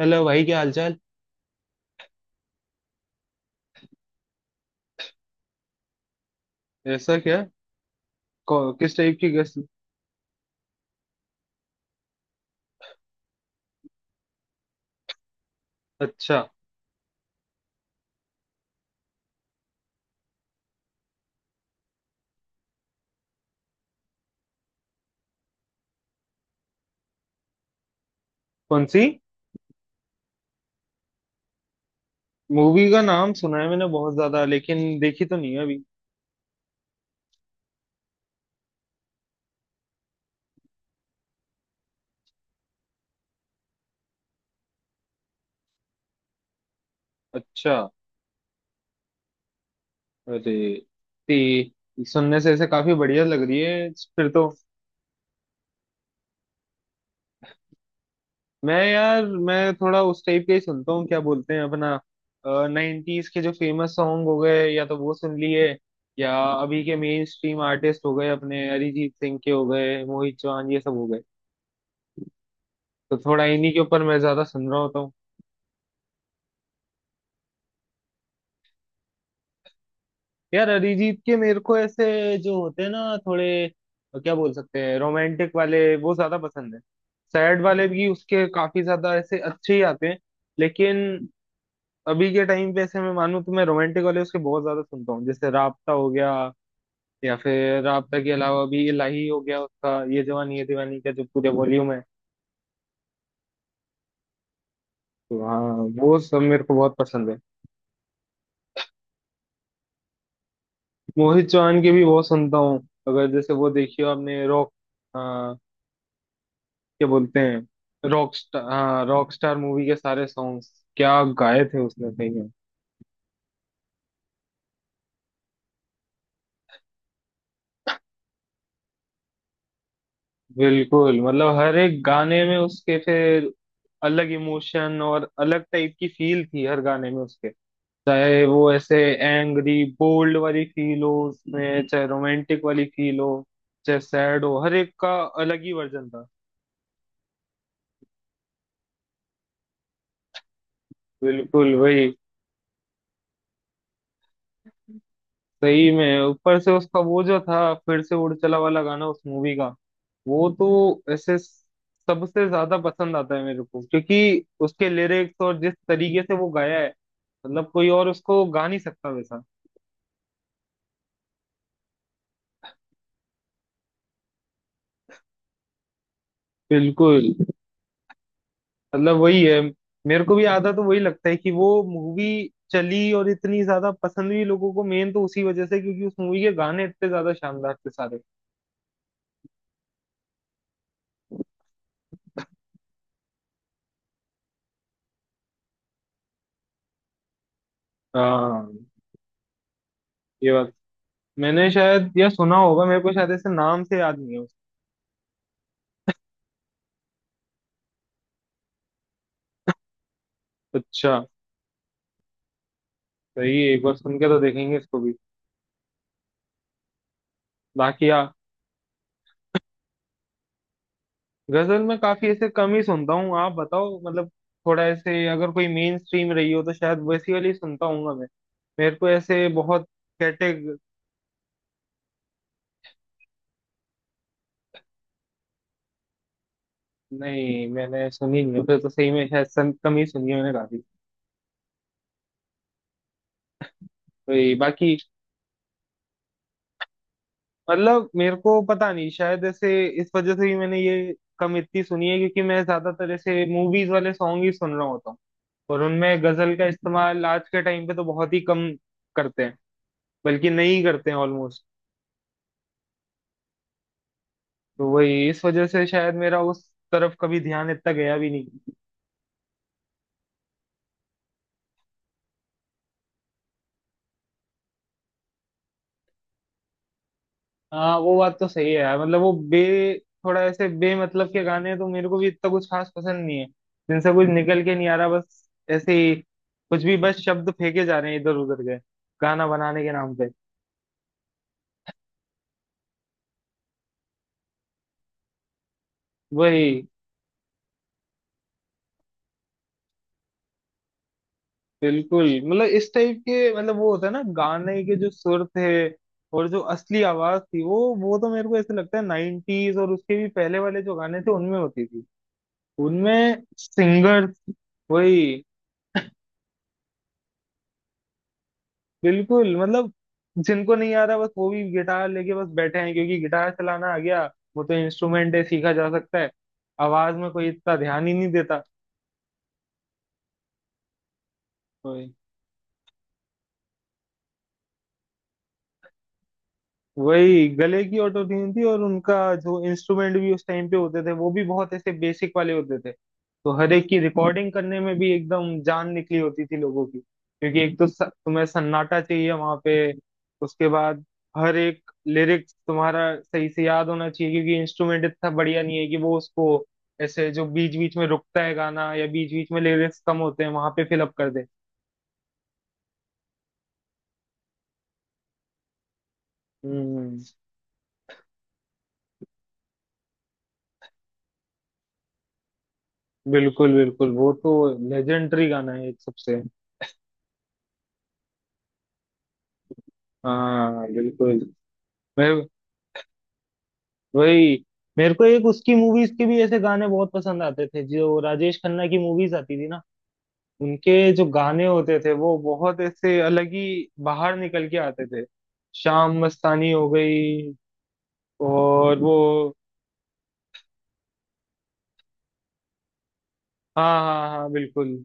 Hello भाई, क्या हालचाल। ऐसा क्या। किस टाइप की गेस्ट। अच्छा। कौन सी। मूवी का नाम सुना है मैंने बहुत ज्यादा, लेकिन देखी तो नहीं है अभी। अच्छा। अरे ती, सुनने से ऐसे काफी बढ़िया लग रही है। फिर तो मैं यार, मैं थोड़ा उस टाइप का ही सुनता हूँ, क्या बोलते हैं अपना, 90s के जो फेमस सॉन्ग हो गए या तो वो सुन लिए, या अभी के मेन स्ट्रीम आर्टिस्ट हो गए अपने, अरिजीत सिंह के हो गए, मोहित चौहान, ये सब हो गए। तो थोड़ा इन्हीं के ऊपर मैं ज्यादा सुन रहा होता हूँ। यार अरिजीत के मेरे को ऐसे जो होते हैं ना थोड़े, क्या बोल सकते हैं, रोमांटिक वाले वो ज्यादा पसंद है। सैड वाले भी उसके काफी ज्यादा ऐसे अच्छे ही आते हैं, लेकिन अभी के टाइम पे ऐसे मैं मानूं तो मैं रोमांटिक वाले उसके बहुत ज्यादा सुनता हूँ। जैसे राबता हो गया, या फिर राबता के अलावा भी इलाही हो गया उसका, ये जवानी ये दीवानी का जो पूरे वॉल्यूम है। तो हाँ, वो सब मेरे को बहुत पसंद है। मोहित चौहान के भी बहुत सुनता हूँ। अगर जैसे वो देखियो, आपने रॉक, क्या बोलते हैं, रॉक स्टार, हाँ, रॉक स्टार मूवी के सारे सॉन्ग्स क्या गाए थे उसने सही में। बिल्कुल, मतलब हर एक गाने में उसके फिर अलग इमोशन और अलग टाइप की फील थी हर गाने में उसके। चाहे वो ऐसे एंग्री बोल्ड वाली फील हो उसमें, चाहे रोमांटिक वाली फील हो, चाहे सैड हो, हर एक का अलग ही वर्जन था। बिल्कुल वही। सही में, ऊपर से उसका वो जो था फिर से उड़ चला वाला गाना उस मूवी का, वो तो ऐसे सबसे ज्यादा पसंद आता है मेरे को, क्योंकि उसके लिरिक्स और जिस तरीके से वो गाया है, मतलब कोई और उसको गा नहीं सकता वैसा। बिल्कुल, मतलब वही है। मेरे को भी आधा तो वही लगता है कि वो मूवी चली और इतनी ज्यादा पसंद हुई लोगों को, मेन तो उसी वजह से, क्योंकि उस मूवी के गाने इतने ज्यादा शानदार थे सारे। हाँ, ये बात। मैंने शायद यह सुना होगा, मेरे को शायद ऐसे नाम से याद नहीं है। अच्छा, सही है, एक बार सुन के तो देखेंगे इसको भी। बाकी आ, गजल में काफी ऐसे कम ही सुनता हूँ, आप बताओ मतलब। थोड़ा ऐसे अगर कोई मेन स्ट्रीम रही हो तो शायद वैसी वाली सुनता हूँ मैं। मेरे को ऐसे बहुत कैटेग नहीं, मैंने सुनी नहीं फिर तो। सही में शायद कम ही सुनी है मैंने काफी। तो ये बाकी, मतलब मेरे को पता नहीं, शायद ऐसे इस वजह से ही मैंने ये कम इतनी सुनी है, क्योंकि मैं ज्यादातर ऐसे मूवीज वाले सॉन्ग ही सुन रहा होता हूँ, और उनमें गजल का इस्तेमाल आज के टाइम पे तो बहुत ही कम करते हैं, बल्कि नहीं करते हैं ऑलमोस्ट। तो वही इस वजह से शायद मेरा उस तरफ कभी ध्यान इतना गया भी नहीं। हाँ, वो बात तो सही है यार। मतलब वो बे थोड़ा ऐसे बे मतलब के गाने तो मेरे को भी इतना कुछ खास पसंद नहीं है, जिनसे कुछ निकल के नहीं आ रहा, बस ऐसे ही कुछ भी, बस शब्द फेंके जा रहे हैं इधर उधर के गाना बनाने के नाम पे। वही, बिल्कुल, मतलब इस टाइप के, मतलब वो होता है ना, गाने के जो सुर थे और जो असली आवाज थी, वो तो मेरे को ऐसे लगता है 90s और उसके भी पहले वाले जो गाने थे उनमें होती थी। उनमें सिंगर वही। बिल्कुल, मतलब जिनको नहीं आ रहा बस वो भी गिटार लेके बस बैठे हैं, क्योंकि गिटार चलाना आ गया, वो तो इंस्ट्रूमेंट है, सीखा जा सकता है। आवाज में कोई इतना ध्यान ही नहीं देता। वही गले की ऑटो ट्यून थी, और उनका जो इंस्ट्रूमेंट भी उस टाइम पे होते थे वो भी बहुत ऐसे बेसिक वाले होते थे, तो हर एक की रिकॉर्डिंग करने में भी एकदम जान निकली होती थी लोगों की, क्योंकि एक तो तुम्हें सन्नाटा चाहिए वहां पे। उसके बाद हर एक लिरिक्स तुम्हारा सही से याद होना चाहिए, क्योंकि इंस्ट्रूमेंट इतना बढ़िया नहीं है कि वो उसको ऐसे जो बीच बीच में रुकता है गाना, या बीच बीच में लिरिक्स कम होते हैं वहां पे फिलअप कर दे। हम्म। बिल्कुल बिल्कुल, वो तो लेजेंडरी गाना है एक सबसे। हाँ, बिल्कुल। मैं वही, मेरे को एक उसकी मूवीज के भी ऐसे गाने बहुत पसंद आते थे, जो राजेश खन्ना की मूवीज आती थी ना, उनके जो गाने होते थे वो बहुत ऐसे अलग ही बाहर निकल के आते थे। शाम मस्तानी हो गई, और वो। हाँ हाँ हाँ, बिल्कुल।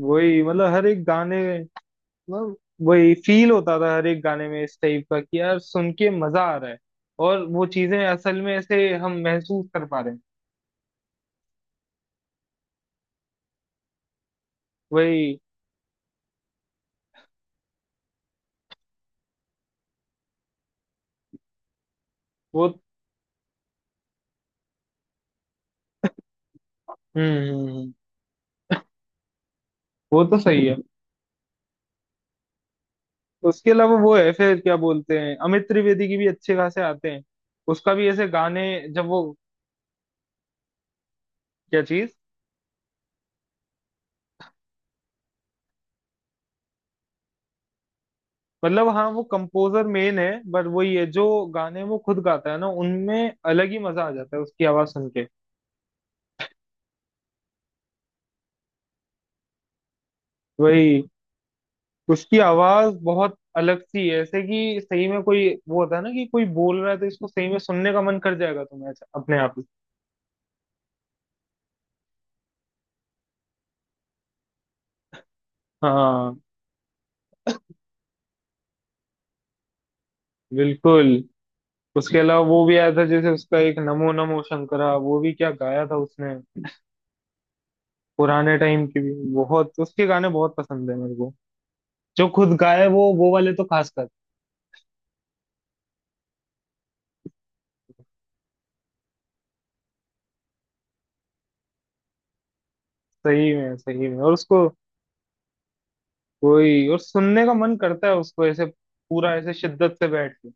वही, मतलब हर एक गाने, मतलब वही फील होता था हर एक गाने में, इस टाइप का कि यार सुन के मजा आ रहा है, और वो चीजें असल में ऐसे हम महसूस कर पा रहे हैं। वही वो। हम्म। वो तो सही है। उसके अलावा वो है, फिर क्या बोलते हैं, अमित त्रिवेदी की भी अच्छे खासे आते हैं। उसका भी ऐसे गाने जब वो, क्या चीज। मतलब हाँ, वो कंपोजर मेन है, बट वो ये जो गाने वो खुद गाता है ना, उनमें अलग ही मजा आ जाता है उसकी आवाज सुन के। वही, उसकी आवाज बहुत अलग सी है ऐसे, कि सही में कोई वो होता है ना, कि कोई बोल रहा है तो इसको सही में सुनने का मन कर जाएगा तुम्हें ऐसा, अपने आप ही। हाँ बिल्कुल। उसके अलावा वो भी आया था जैसे उसका एक नमो नमो शंकरा, वो भी क्या गाया था उसने। पुराने टाइम की भी बहुत उसके गाने बहुत पसंद है मेरे को, जो खुद गाए वो वाले तो खासकर। सही में, सही में, और उसको वही, और सुनने का मन करता है उसको ऐसे पूरा ऐसे शिद्दत से बैठ के।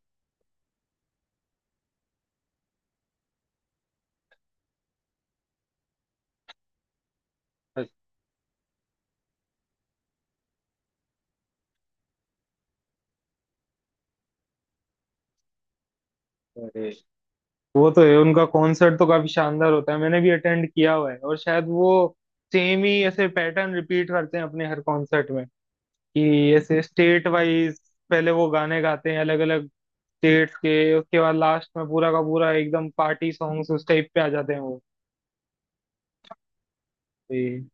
अरे वो तो है, उनका कॉन्सर्ट तो काफी शानदार होता है, मैंने भी अटेंड किया हुआ है, और शायद वो सेम ही ऐसे पैटर्न रिपीट करते हैं अपने हर कॉन्सर्ट में, कि ऐसे स्टेट वाइज पहले वो गाने गाते हैं अलग अलग स्टेट्स के, उसके बाद लास्ट में पूरा का पूरा एकदम पार्टी सॉन्ग्स उस टाइप पे आ जाते हैं वो। जी,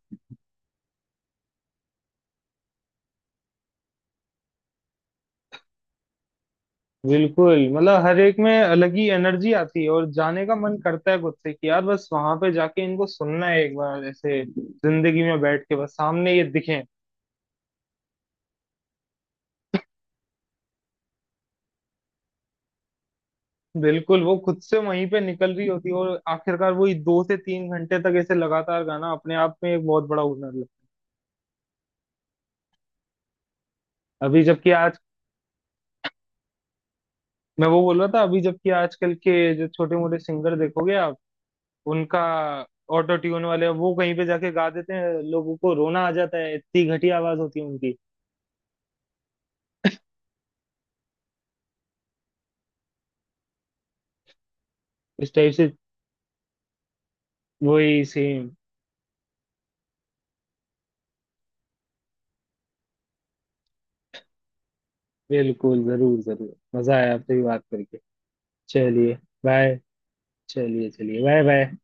बिल्कुल, मतलब हर एक में अलग ही एनर्जी आती है और जाने का मन करता है खुद से कि यार बस वहां पे जाके इनको सुनना है एक बार ऐसे जिंदगी में बैठ के बस सामने ये दिखें। बिल्कुल, वो खुद से वहीं पे निकल रही होती है, और आखिरकार वही 2 से 3 घंटे तक ऐसे लगातार गाना अपने आप में एक बहुत बड़ा हुनर है। अभी जबकि आज मैं वो बोल रहा था, अभी जबकि आजकल के जो छोटे मोटे सिंगर देखोगे आप, उनका ऑटो ट्यून वाले वो कहीं पे जाके गा देते हैं, लोगों को रोना आ जाता है, इतनी घटिया आवाज होती है उनकी इस टाइप से। वही सेम। बिल्कुल, जरूर जरूर, मजा आया आपसे भी बात करके। चलिए, बाय। चलिए चलिए, बाय बाय।